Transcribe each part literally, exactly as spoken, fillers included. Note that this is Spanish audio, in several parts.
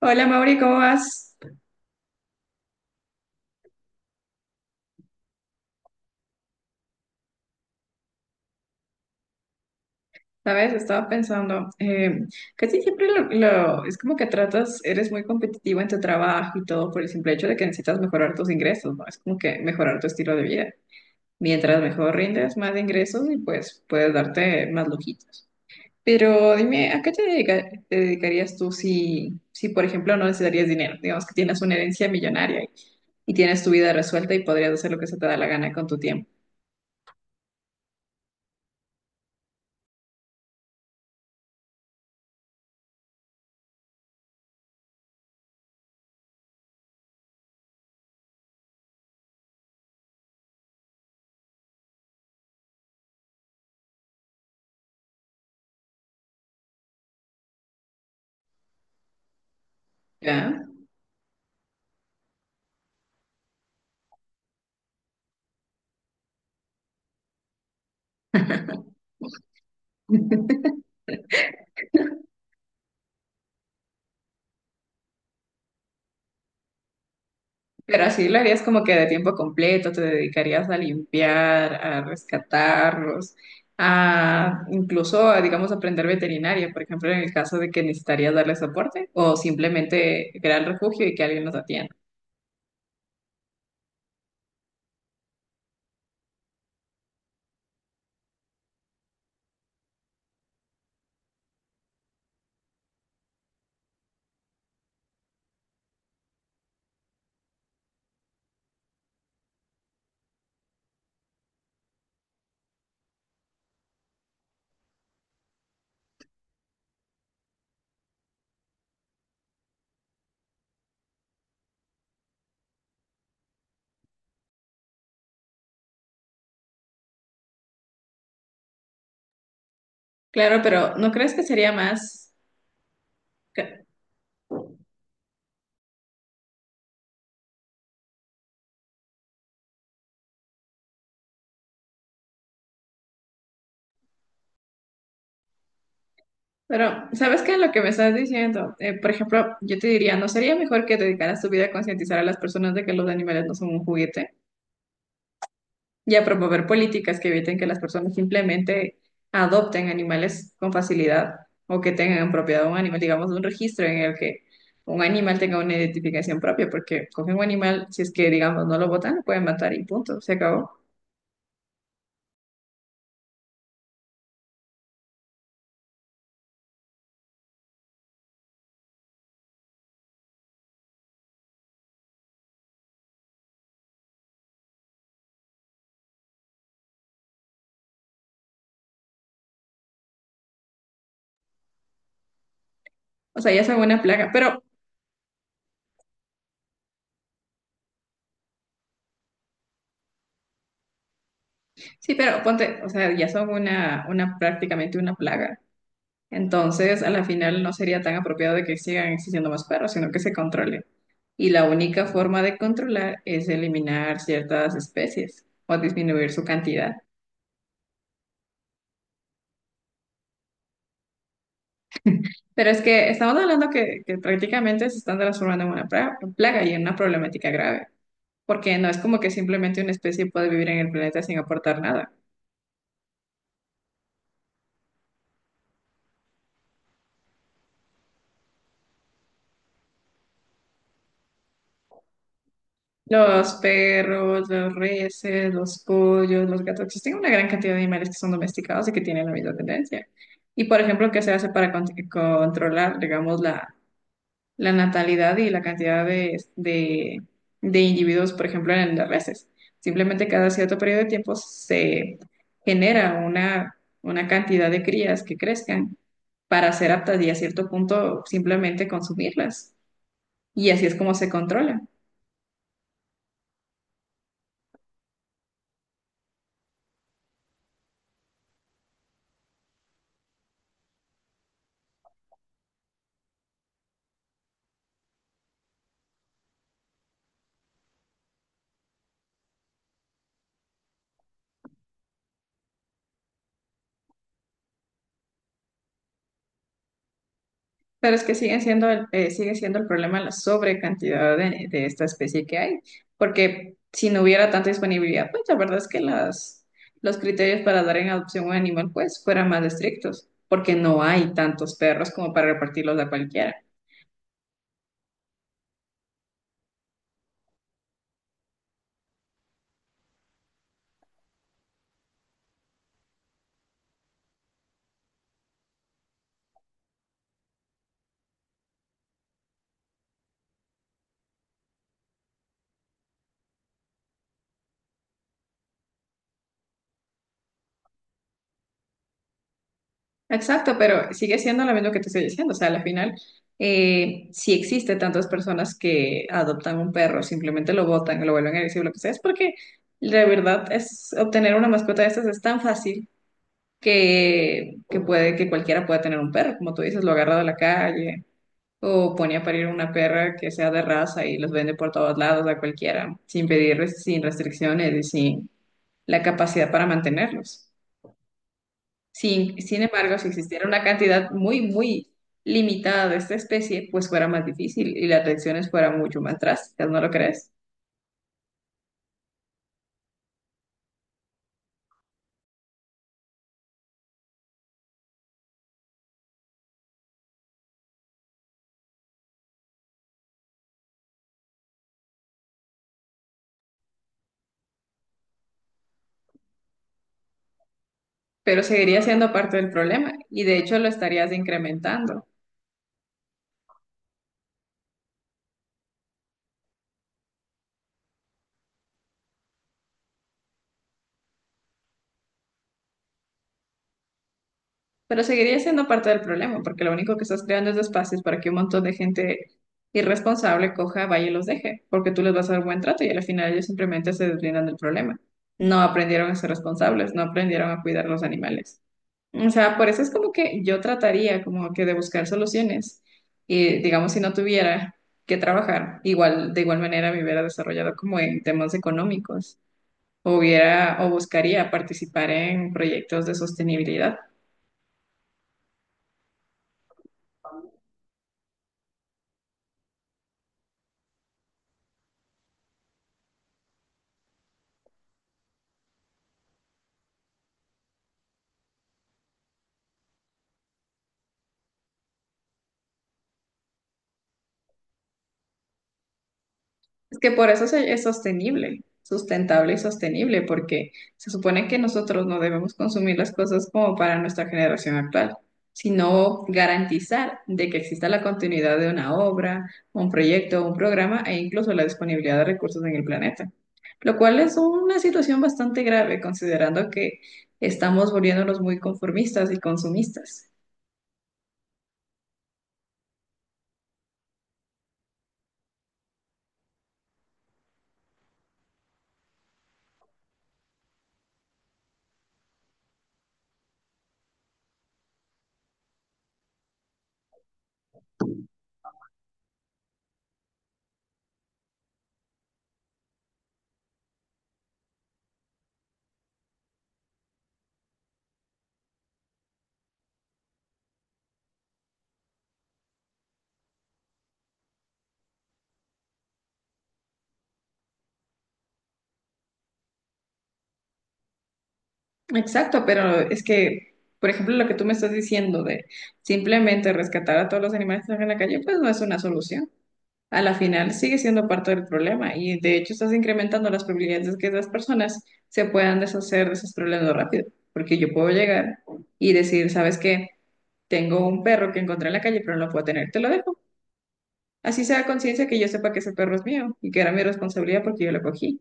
Hola Mauri, ¿cómo vas? Sabes, estaba pensando, eh, casi siempre lo, lo- es como que tratas, eres muy competitivo en tu trabajo y todo por el simple hecho de que necesitas mejorar tus ingresos, ¿no? Es como que mejorar tu estilo de vida. Mientras mejor rindes, más ingresos y pues puedes darte más lujitos. Pero dime, ¿a qué te, dedica- te dedicarías tú si, si, por ejemplo, no necesitarías dinero? Digamos que tienes una herencia millonaria y, y tienes tu vida resuelta y podrías hacer lo que se te da la gana con tu tiempo. ¿Ya? Pero así lo harías como que de tiempo completo, te dedicarías a limpiar, a rescatarlos, a incluso, a, digamos, aprender veterinaria, por ejemplo, en el caso de que necesitarías darle soporte o simplemente crear el refugio y que alguien los atienda. Claro, pero ¿no crees que sería más? Pero, ¿sabes qué? Lo que me estás diciendo, eh, por ejemplo, yo te diría, ¿no sería mejor que dedicaras tu vida a concientizar a las personas de que los animales no son un juguete y a promover políticas que eviten que las personas simplemente adopten animales con facilidad o que tengan en propiedad un animal, digamos, un registro en el que un animal tenga una identificación propia? Porque cogen un animal, si es que, digamos, no lo botan, lo pueden matar y punto, se acabó. O sea, ya son una plaga, pero sí, pero ponte, o sea, ya son una, una prácticamente una plaga. Entonces, a la final no sería tan apropiado de que sigan existiendo más perros, sino que se controlen. Y la única forma de controlar es eliminar ciertas especies o disminuir su cantidad. Pero es que estamos hablando que, que prácticamente se están transformando en una pra- plaga y en una problemática grave, porque no es como que simplemente una especie puede vivir en el planeta sin aportar nada. Los perros, los reses, los pollos, los gatos, existen una gran cantidad de animales que son domesticados y que tienen la misma tendencia. Y, por ejemplo, ¿qué se hace para con- controlar, digamos, la, la natalidad y la cantidad de, de, de individuos, por ejemplo, en las reses? Simplemente cada cierto periodo de tiempo se genera una, una cantidad de crías que crezcan para ser aptas y a cierto punto simplemente consumirlas. Y así es como se controla. Pero es que sigue siendo el, eh, sigue siendo el problema la sobrecantidad de, de esta especie que hay, porque si no hubiera tanta disponibilidad, pues la verdad es que las, los criterios para dar en adopción un animal pues fueran más estrictos, porque no hay tantos perros como para repartirlos a cualquiera. Exacto, pero sigue siendo lo mismo que te estoy diciendo, o sea, al final eh, si existe tantas personas que adoptan un perro, simplemente lo botan, lo vuelven agresivo, lo que sea, es porque… La verdad es obtener una mascota de estas es tan fácil que, que puede que cualquiera pueda tener un perro, como tú dices, lo agarra de la calle o pone a parir una perra que sea de raza y los vende por todos lados a cualquiera, sin pedir, res- sin restricciones y sin la capacidad para mantenerlos. Sin, sin embargo, si existiera una cantidad muy, muy limitada de esta especie, pues fuera más difícil y las reacciones fueran mucho más drásticas, ¿no lo crees? Pero seguiría siendo parte del problema y de hecho lo estarías incrementando. Pero seguiría siendo parte del problema, porque lo único que estás creando es espacios para que un montón de gente irresponsable coja, vaya y los deje, porque tú les vas a dar buen trato y al final ellos simplemente se deslindan del problema. No aprendieron a ser responsables, no aprendieron a cuidar los animales. O sea, por eso es como que yo trataría como que de buscar soluciones y digamos si no tuviera que trabajar, igual de igual manera me hubiera desarrollado como en temas económicos o hubiera o buscaría participar en proyectos de sostenibilidad. Es que por eso se- es sostenible, sustentable y sostenible, porque se supone que nosotros no debemos consumir las cosas como para nuestra generación actual, sino garantizar de que exista la continuidad de una obra, un proyecto, un programa e incluso la disponibilidad de recursos en el planeta, lo cual es una situación bastante grave considerando que estamos volviéndonos muy conformistas y consumistas. Exacto, pero es que, por ejemplo, lo que tú me estás diciendo de simplemente rescatar a todos los animales que están en la calle, pues no es una solución. A la final sigue siendo parte del problema y de hecho estás incrementando las probabilidades de que las personas se puedan deshacer de esos problemas rápido, porque yo puedo llegar y decir, ¿sabes qué? Tengo un perro que encontré en la calle, pero no lo puedo tener, te lo dejo. Así sea conciencia que yo sepa que ese perro es mío y que era mi responsabilidad porque yo lo cogí.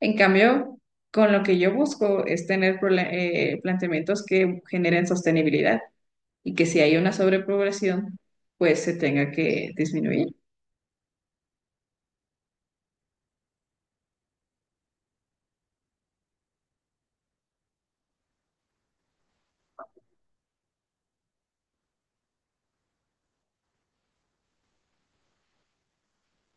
En cambio, con lo que yo busco es tener prole- eh, planteamientos que generen sostenibilidad y que si hay una sobrepoblación, pues se tenga que disminuir.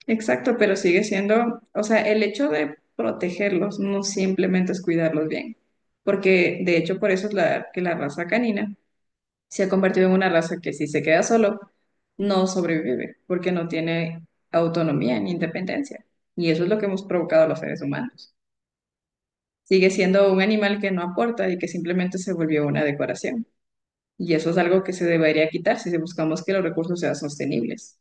Exacto, pero sigue siendo, o sea, el hecho de protegerlos no simplemente es cuidarlos bien, porque de hecho por eso es la, que la raza canina se ha convertido en una raza que si se queda solo, no sobrevive porque no tiene autonomía ni independencia. Y eso es lo que hemos provocado a los seres humanos. Sigue siendo un animal que no aporta y que simplemente se volvió una decoración. Y eso es algo que se debería quitar si buscamos que los recursos sean sostenibles.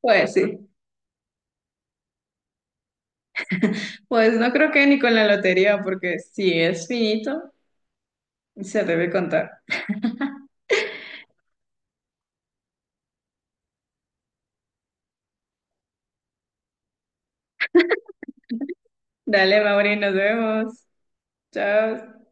Pues sí, pues no creo que ni con la lotería, porque si es finito, se debe contar. Dale, Mauri, nos vemos. Chao.